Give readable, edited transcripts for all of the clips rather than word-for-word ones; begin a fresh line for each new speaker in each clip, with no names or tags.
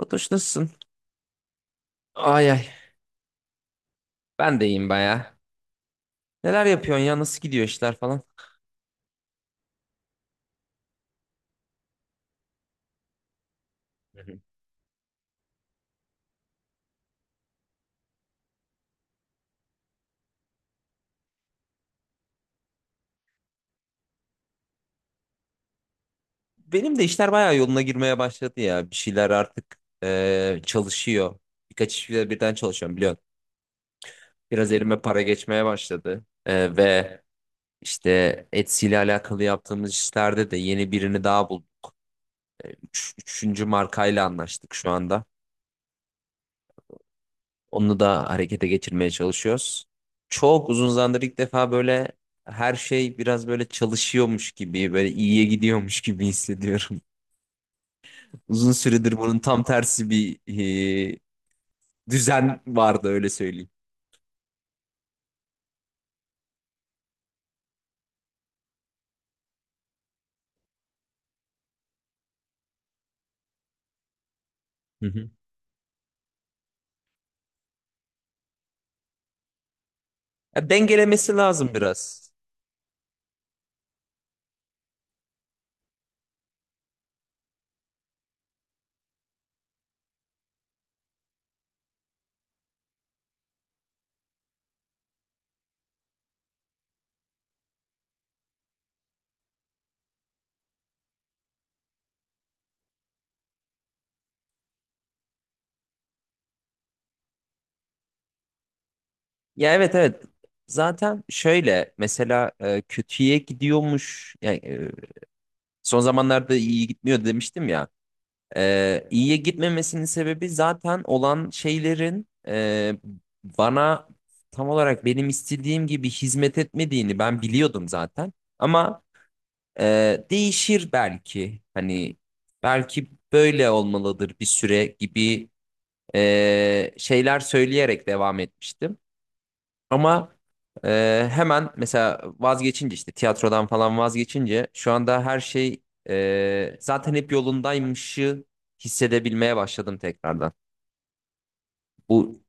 Fatoş nasılsın? Ay ay. Ben de iyiyim baya. Neler yapıyorsun ya? Nasıl gidiyor işler falan? Hı hı. Benim de işler baya yoluna girmeye başladı ya. Bir şeyler artık çalışıyor. Birkaç işle birden çalışıyorum biliyorsun. Biraz elime para geçmeye başladı. Ve işte Etsy ile alakalı yaptığımız işlerde de yeni birini daha bulduk. Üçüncü markayla anlaştık şu anda. Onu da harekete geçirmeye çalışıyoruz. Çok uzun zamandır ilk defa böyle her şey biraz böyle çalışıyormuş gibi, böyle iyiye gidiyormuş gibi hissediyorum. Uzun süredir bunun tam tersi bir e, düzen vardı, öyle söyleyeyim. Hı hı. Ya dengelemesi lazım biraz. Ya evet evet. Zaten şöyle mesela kötüye gidiyormuş. Yani son zamanlarda iyi gitmiyor demiştim ya. İyiye gitmemesinin sebebi zaten olan şeylerin bana tam olarak benim istediğim gibi hizmet etmediğini ben biliyordum zaten. Ama değişir belki. Hani belki böyle olmalıdır bir süre gibi şeyler söyleyerek devam etmiştim. Ama hemen mesela vazgeçince, işte tiyatrodan falan vazgeçince, şu anda her şey zaten hep yolundaymışı hissedebilmeye başladım tekrardan. Bu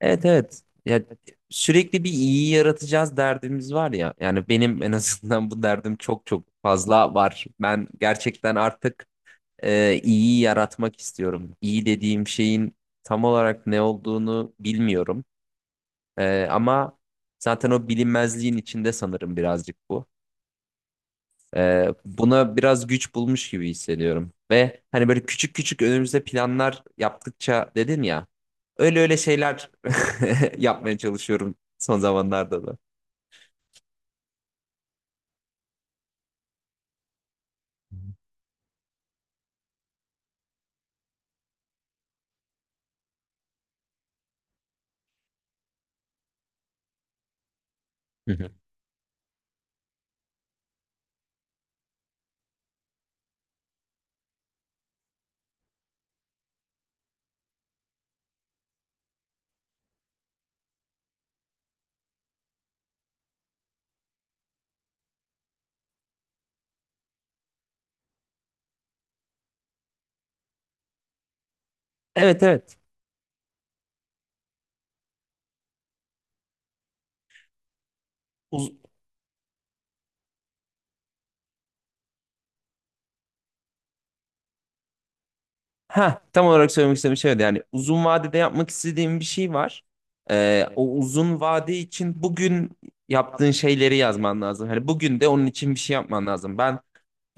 evet evet ya, sürekli bir iyi yaratacağız derdimiz var ya. Yani benim en azından bu derdim çok çok fazla var. Ben gerçekten artık iyiyi yaratmak istiyorum. İyi dediğim şeyin tam olarak ne olduğunu bilmiyorum. Ama zaten o bilinmezliğin içinde sanırım birazcık bu. Buna biraz güç bulmuş gibi hissediyorum. Ve hani böyle küçük küçük önümüzde planlar yaptıkça dedin ya. Öyle öyle şeyler yapmaya çalışıyorum son zamanlarda da. Hı hı. Evet evet. Uz Heh, tam olarak söylemek istediğim şey oydu. Yani uzun vadede yapmak istediğim bir şey var. O uzun vade için bugün yaptığın şeyleri yazman lazım. Hani bugün de onun için bir şey yapman lazım. Ben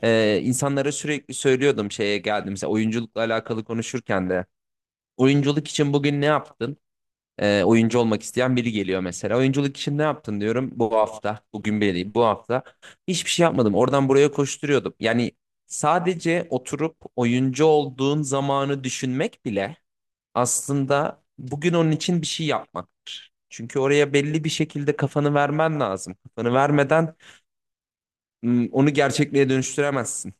İnsanlara sürekli söylüyordum şeye geldiğimizde oyunculukla alakalı konuşurken de. Oyunculuk için bugün ne yaptın? Oyuncu olmak isteyen biri geliyor mesela. Oyunculuk için ne yaptın diyorum bu hafta. Bugün bile değil, bu hafta. Hiçbir şey yapmadım. Oradan buraya koşturuyordum. Yani sadece oturup oyuncu olduğun zamanı düşünmek bile aslında bugün onun için bir şey yapmaktır. Çünkü oraya belli bir şekilde kafanı vermen lazım. Kafanı vermeden onu gerçekliğe dönüştüremezsin.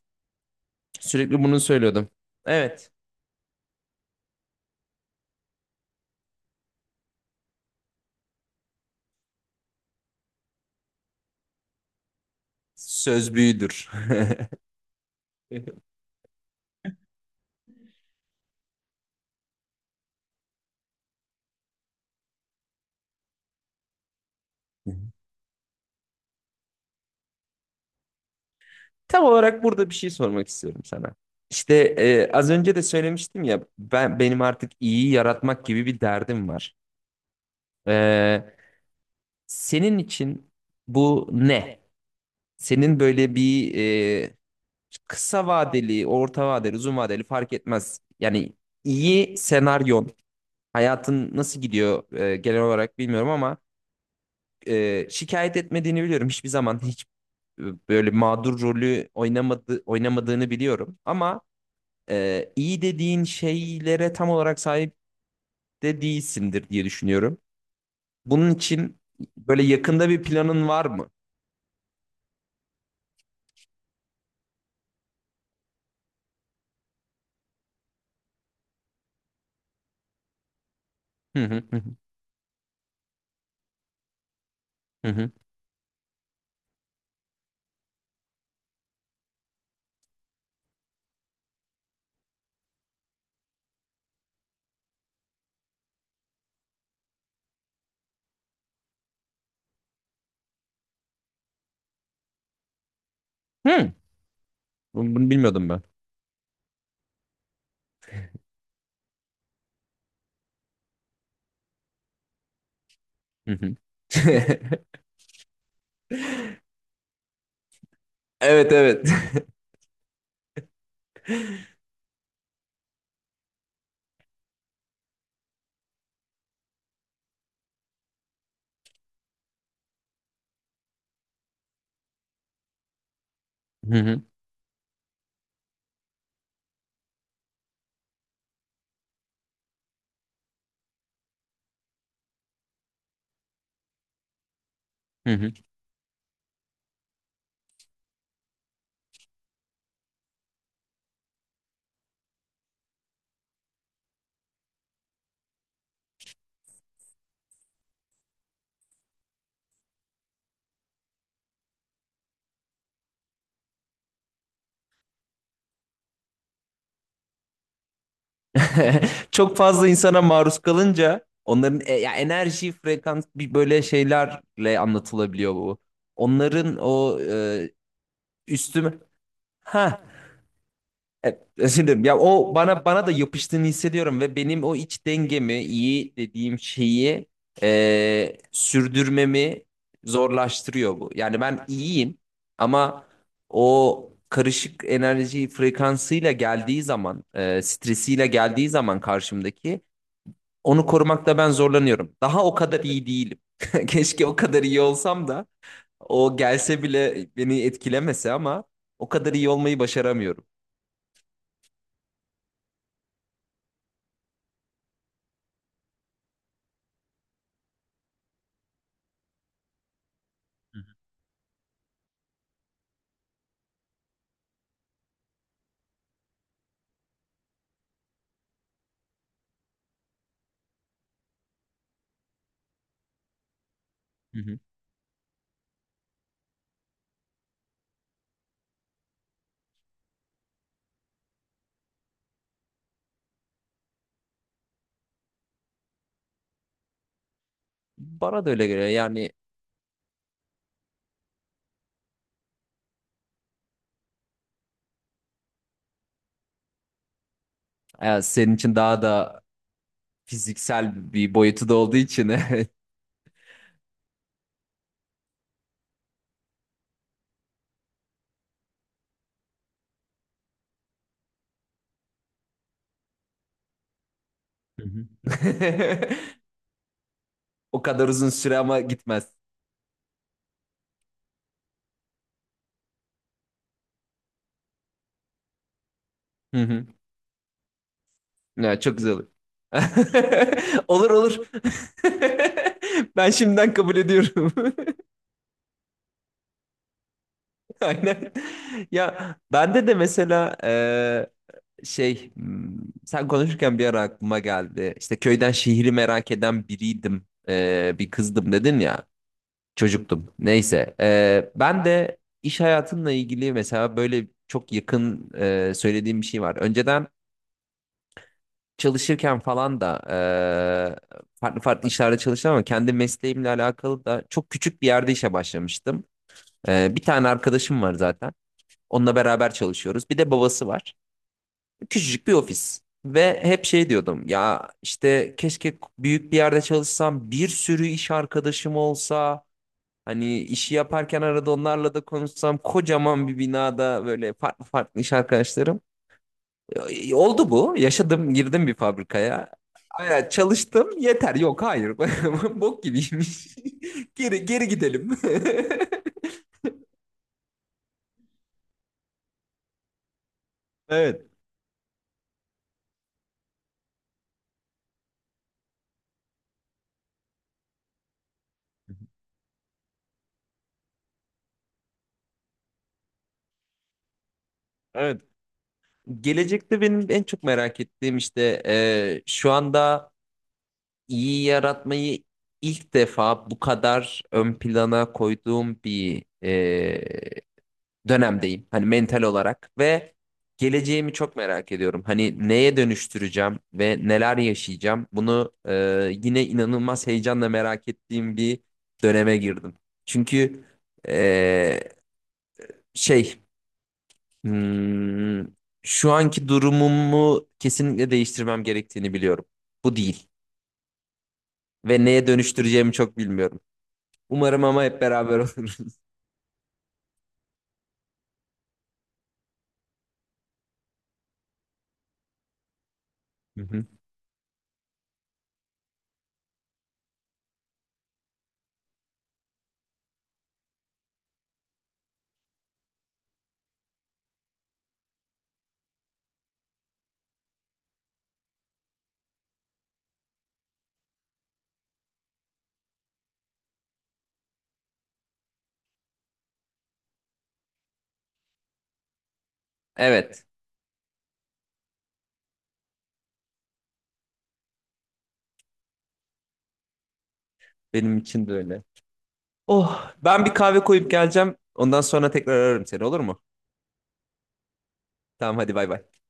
Sürekli bunu söylüyordum. Evet. Söz büyüdür. Tam olarak burada bir şey sormak istiyorum sana. İşte az önce de söylemiştim ya, ben benim artık iyi yaratmak gibi bir derdim var. E, Senin için bu ne? Senin böyle bir e, kısa vadeli, orta vadeli, uzun vadeli fark etmez. Yani iyi senaryon, hayatın nasıl gidiyor genel olarak bilmiyorum ama şikayet etmediğini biliyorum hiçbir zaman, böyle mağdur rolü oynamadı, oynamadığını biliyorum. Ama iyi dediğin şeylere tam olarak sahip de değilsindir diye düşünüyorum. Bunun için böyle yakında bir planın var mı? Hı hı hı hı. Hı. Hı. Bunu bilmiyordum ben. Hı hı. Evet evet. Hı hı, hı hı. Çok fazla insana maruz kalınca onların ya enerji, frekans, bir böyle şeylerle anlatılabiliyor bu. Onların o üstüme ha. Evet, özür dilerim. Ya o bana da yapıştığını hissediyorum ve benim o iç dengemi, iyi dediğim şeyi sürdürmemi zorlaştırıyor bu. Yani ben iyiyim ama o karışık enerji frekansıyla geldiği zaman, stresiyle geldiği zaman karşımdaki onu korumakta ben zorlanıyorum. Daha o kadar iyi değilim. Keşke o kadar iyi olsam da o gelse bile beni etkilemese, ama o kadar iyi olmayı başaramıyorum. Hı hı. Bana da öyle geliyor. Yani senin için daha da fiziksel bir boyutu da olduğu için evet. Hı hı. O kadar uzun süre ama gitmez. Hı hı. Ya, çok güzel olur. Olur olur. Ben şimdiden kabul ediyorum. Aynen. Ya bende de mesela şey, sen konuşurken bir ara aklıma geldi. İşte köyden şehri merak eden biriydim. Bir kızdım dedin ya. Çocuktum. Neyse. Ben de iş hayatımla ilgili mesela böyle çok yakın söylediğim bir şey var. Önceden çalışırken falan da farklı farklı işlerde çalıştım ama kendi mesleğimle alakalı da çok küçük bir yerde işe başlamıştım. Bir tane arkadaşım var zaten. Onunla beraber çalışıyoruz. Bir de babası var. Küçücük bir ofis. Ve hep şey diyordum ya, işte keşke büyük bir yerde çalışsam, bir sürü iş arkadaşım olsa, hani işi yaparken arada onlarla da konuşsam, kocaman bir binada böyle farklı farklı iş arkadaşlarım. Oldu bu, yaşadım, girdim bir fabrikaya, aya çalıştım yeter yok hayır, bok gibiymiş, geri, geri gidelim. Evet, evet. Gelecekte benim en çok merak ettiğim işte şu anda iyi yaratmayı ilk defa bu kadar ön plana koyduğum bir dönemdeyim. Hani mental olarak ve geleceğimi çok merak ediyorum. Hani neye dönüştüreceğim ve neler yaşayacağım? Bunu yine inanılmaz heyecanla merak ettiğim bir döneme girdim. Çünkü e, şey hmm, şu anki durumumu kesinlikle değiştirmem gerektiğini biliyorum. Bu değil ve neye dönüştüreceğimi çok bilmiyorum. Umarım ama hep beraber olur. Hı hı. Evet, benim için de öyle. Oh, ben bir kahve koyup geleceğim. Ondan sonra tekrar ararım seni, olur mu? Tamam hadi, bay bay.